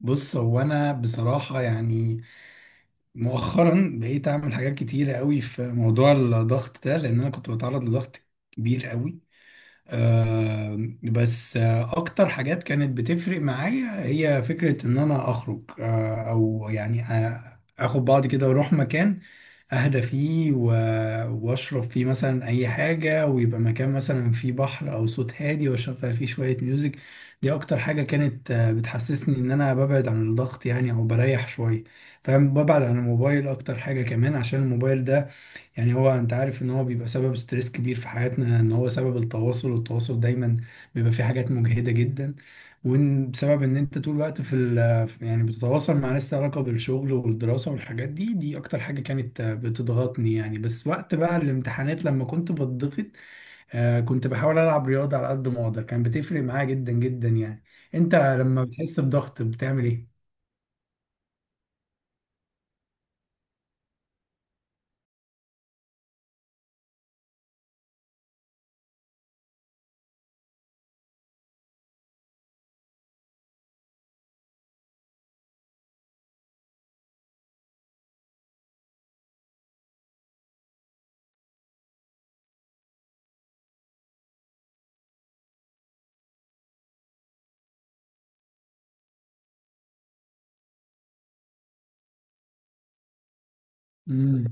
بص هو انا بصراحه يعني مؤخرا بقيت اعمل حاجات كتيره قوي في موضوع الضغط ده لان انا كنت بتعرض لضغط كبير قوي. آه، بس آه، اكتر حاجات كانت بتفرق معايا هي فكرة ان انا اخرج، آه، او يعني آه، اخد بعض كده واروح مكان اهدى فيه واشرب فيه مثلا اي حاجة، ويبقى مكان مثلا فيه بحر او صوت هادي واشغل فيه شوية ميوزك. دي اكتر حاجة كانت بتحسسني ان انا ببعد عن الضغط يعني، او بريح شوية. فاهم؟ ببعد عن الموبايل اكتر حاجة كمان، عشان الموبايل ده يعني هو انت عارف ان هو بيبقى سبب ستريس كبير في حياتنا، ان هو سبب التواصل، والتواصل دايما بيبقى فيه حاجات مجهدة جدا. وان بسبب ان انت طول الوقت في ال يعني بتتواصل مع ناس لها علاقة بالشغل والدراسة والحاجات دي، دي اكتر حاجة كانت بتضغطني يعني. بس وقت بقى الامتحانات لما كنت بتضغط آه، كنت بحاول العب رياضة على قد ما اقدر، كان بتفرق معايا جدا جدا يعني. انت لما بتحس بضغط بتعمل ايه؟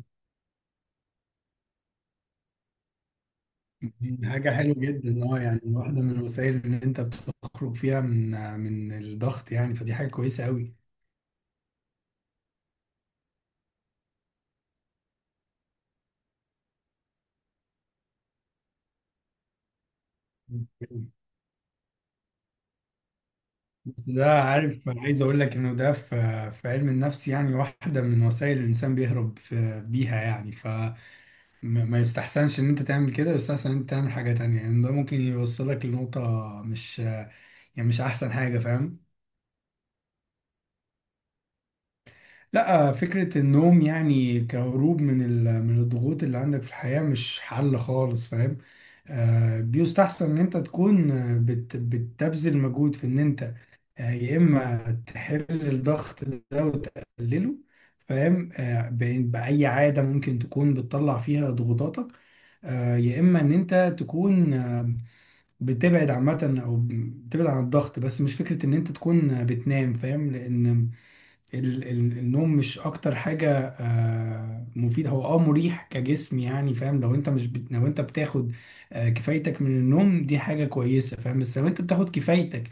حاجة حلوة جدا. اه يعني واحدة من الوسائل ان انت بتخرج فيها من الضغط يعني، فدي حاجة كويسة قوي. بس ده عارف عايز اقول لك انه ده في في علم النفس يعني واحدة من وسائل الانسان بيهرب بيها يعني، فما ما يستحسنش ان انت تعمل كده. يستحسن ان انت تعمل حاجة تانية، يعني ده ممكن يوصلك لنقطة مش يعني مش احسن حاجة. فاهم؟ لا، فكرة النوم يعني كهروب من من الضغوط اللي عندك في الحياة مش حل خالص. فاهم؟ بيستحسن ان انت تكون آه، بت بتبذل مجهود في ان انت، يا اما تحل الضغط ده وتقلله، فاهم؟ بأي عادة ممكن تكون بتطلع فيها ضغوطاتك، يا اما ان انت تكون بتبعد عامة، او بتبعد عن الضغط، بس مش فكرة ان انت تكون بتنام. فاهم؟ لان النوم مش اكتر حاجة مفيدة. هو اه مريح كجسم يعني. فاهم؟ لو انت مش بت... لو انت بتاخد كفايتك من النوم دي حاجة كويسة. فاهم؟ بس لو انت بتاخد كفايتك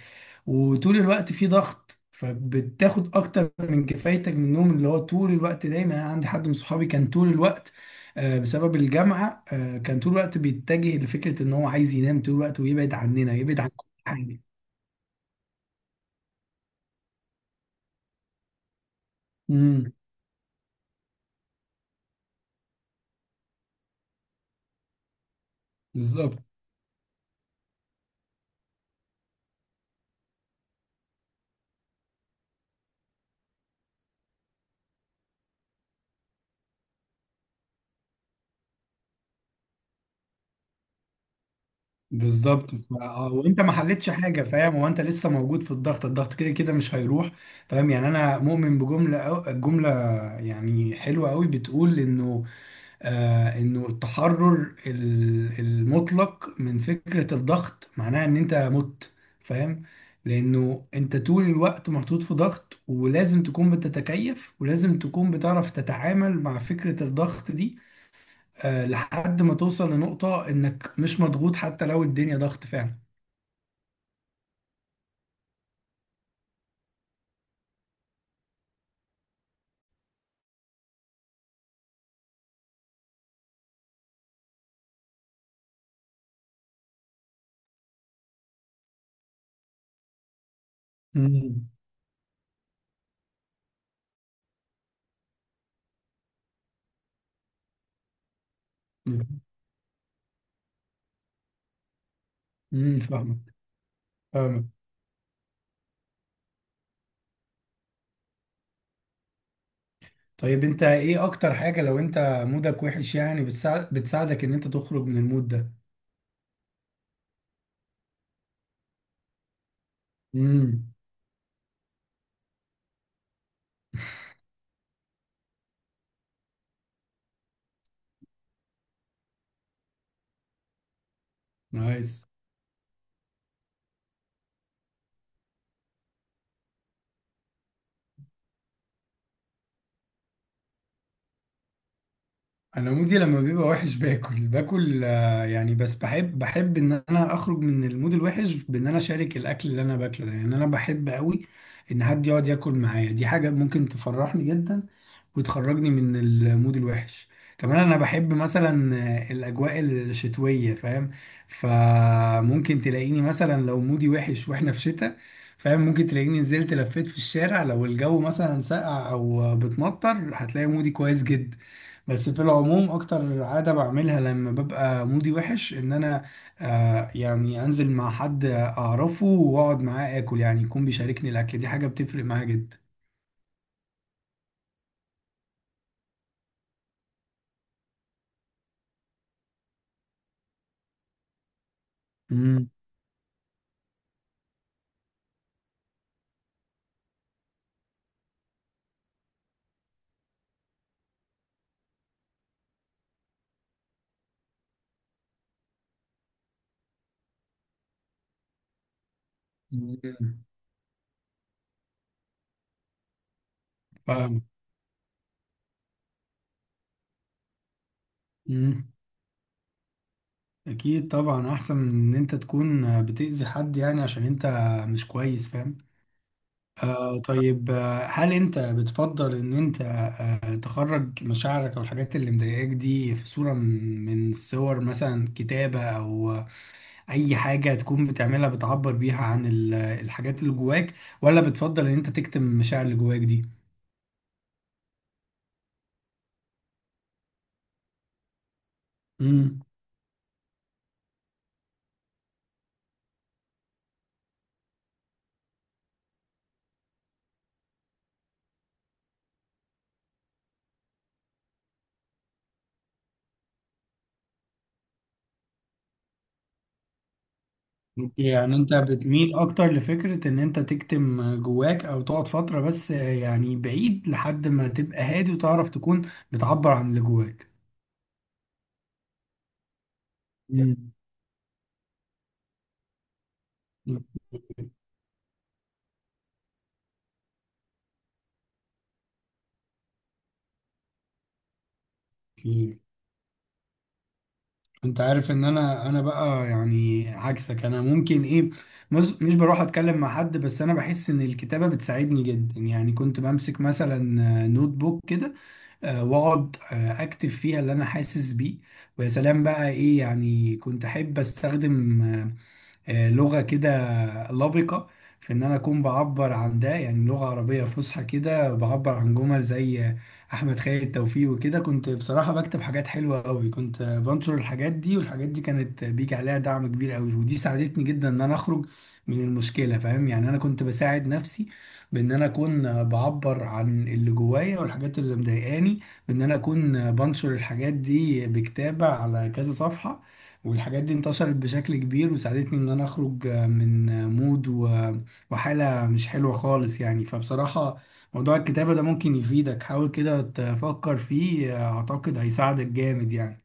وطول الوقت في ضغط فبتاخد اكتر من كفايتك من النوم، اللي هو طول الوقت دايما. انا عندي حد من صحابي كان طول الوقت، بسبب الجامعة، كان طول الوقت بيتجه لفكرة ان هو عايز ينام طول الوقت ويبعد عننا، يبعد عن كل حاجة. امم، بالظبط. بالظبط، اه وانت ما حلتش حاجه. فاهم؟ هو انت لسه موجود في الضغط، الضغط كده كده مش هيروح. فاهم يعني انا مؤمن بجمله أو جمله يعني حلوه قوي، بتقول انه آه انه التحرر المطلق من فكره الضغط معناها ان انت مت. فاهم؟ لانه انت طول الوقت محطوط في ضغط، ولازم تكون بتتكيف، ولازم تكون بتعرف تتعامل مع فكره الضغط دي لحد ما توصل لنقطة انك مش مضغوط حتى لو الدنيا ضغط فعلا. امم، امم، فاهمك. فاهمك. طيب انت ايه اكتر حاجة لو انت مودك وحش يعني بتساعدك ان انت تخرج من المود ده؟ امم. نايس. انا مودي لما بيبقى وحش باكل، باكل يعني، بس بحب ان انا اخرج من المود الوحش بان انا اشارك الاكل اللي انا باكله ده. يعني انا بحب قوي ان حد يقعد ياكل معايا، دي حاجة ممكن تفرحني جدا وتخرجني من المود الوحش. كمان انا بحب مثلا الاجواء الشتويه، فاهم؟ فممكن تلاقيني مثلا لو مودي وحش واحنا في شتاء، فاهم؟ ممكن تلاقيني نزلت لفيت في الشارع. لو الجو مثلا ساقع او بتمطر هتلاقي مودي كويس جدا. بس في العموم اكتر عادة بعملها لما ببقى مودي وحش ان انا يعني انزل مع حد اعرفه واقعد معاه اكل، يعني يكون بيشاركني الاكل، دي حاجة بتفرق معايا جدا. امم، فاهم. مم. اكيد طبعا احسن من ان انت تكون بتأذي حد يعني عشان انت مش كويس. فاهم؟ آه، طيب، هل انت بتفضل ان انت تخرج مشاعرك او الحاجات اللي مضايقاك دي في صورة من صور، مثلا كتابة او اي حاجة تكون بتعملها بتعبر بيها عن الحاجات اللي جواك؟ ولا بتفضل ان انت تكتم المشاعر اللي جواك دي؟ مم. يعني انت بتميل اكتر لفكرة ان انت تكتم جواك، او تقعد فترة بس يعني بعيد لحد ما تبقى هادي وتعرف تكون بتعبر عن اللي جواك. مم. اوكي. انت عارف ان انا بقى يعني عكسك، انا ممكن ايه مش بروح اتكلم مع حد، بس انا بحس ان الكتابة بتساعدني جدا. يعني كنت بمسك مثلا نوت بوك كده، واقعد اكتب فيها اللي انا حاسس بيه. ويا سلام بقى ايه، يعني كنت احب استخدم لغة كده لبقة، في إن أنا أكون بعبر عن ده، يعني لغة عربية فصحى كده بعبر عن جمل زي أحمد خالد توفيق، وكده كنت بصراحة بكتب حاجات حلوة أوي. كنت بنشر الحاجات دي، والحاجات دي كانت بيجي عليها دعم كبير أوي، ودي ساعدتني جدا إن أنا أخرج من المشكلة. فاهم؟ يعني أنا كنت بساعد نفسي بإن أنا أكون بعبر عن اللي جوايا والحاجات اللي مضايقاني، بإن أنا أكون بنشر الحاجات دي بكتابة على كذا صفحة. والحاجات دي انتشرت بشكل كبير، وساعدتني ان انا اخرج من مود وحالة مش حلوة خالص يعني. فبصراحة موضوع الكتابة ده ممكن يفيدك، حاول كده تفكر فيه، اعتقد هيساعدك جامد يعني.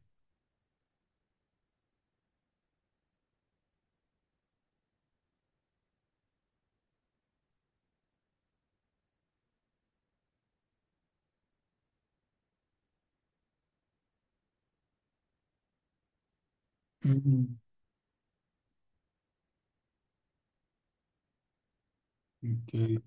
مم. اوكي.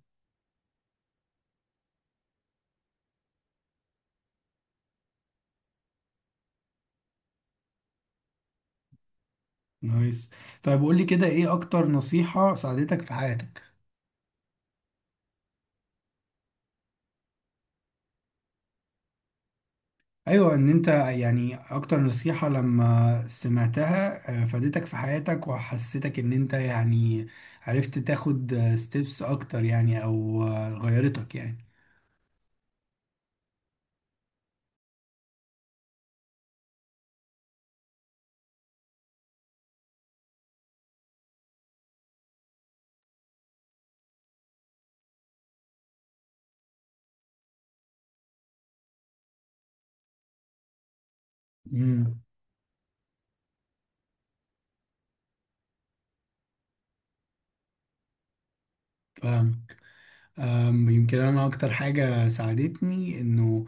نايس. طيب قول لي كده، ايه اكتر نصيحة ساعدتك في حياتك؟ ايوه، ان انت يعني اكتر نصيحة لما سمعتها فادتك في حياتك وحسيتك ان انت يعني عرفت تاخد ستيبس اكتر يعني، او غيرتك يعني. امم، فاهم. يمكن انا اكتر حاجة ساعدتني انه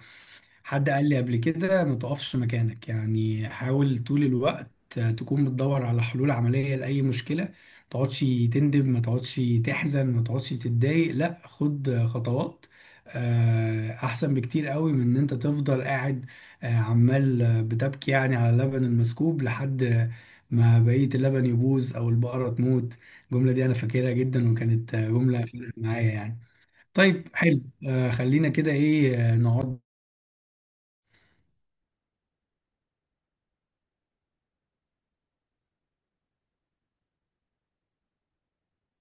حد قال لي قبل كده، ما تقفش مكانك. يعني حاول طول الوقت تكون بتدور على حلول عملية لأي مشكلة. ما تقعدش تندب، ما تقعدش تحزن، ما تقعدش تتضايق، لا، خد خطوات أحسن بكتير قوي من إن أنت تفضل قاعد عمال بتبكي يعني على اللبن المسكوب لحد ما بقية اللبن يبوظ أو البقرة تموت. الجملة دي أنا فاكرها جدا، وكانت جملة فرقت معايا يعني. طيب حلو. خلينا كده إيه نقعد.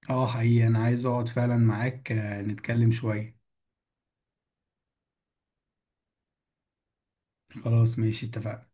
اه حقيقي انا عايز اقعد فعلا معاك نتكلم شوية. خلاص ماشي، اتفقنا.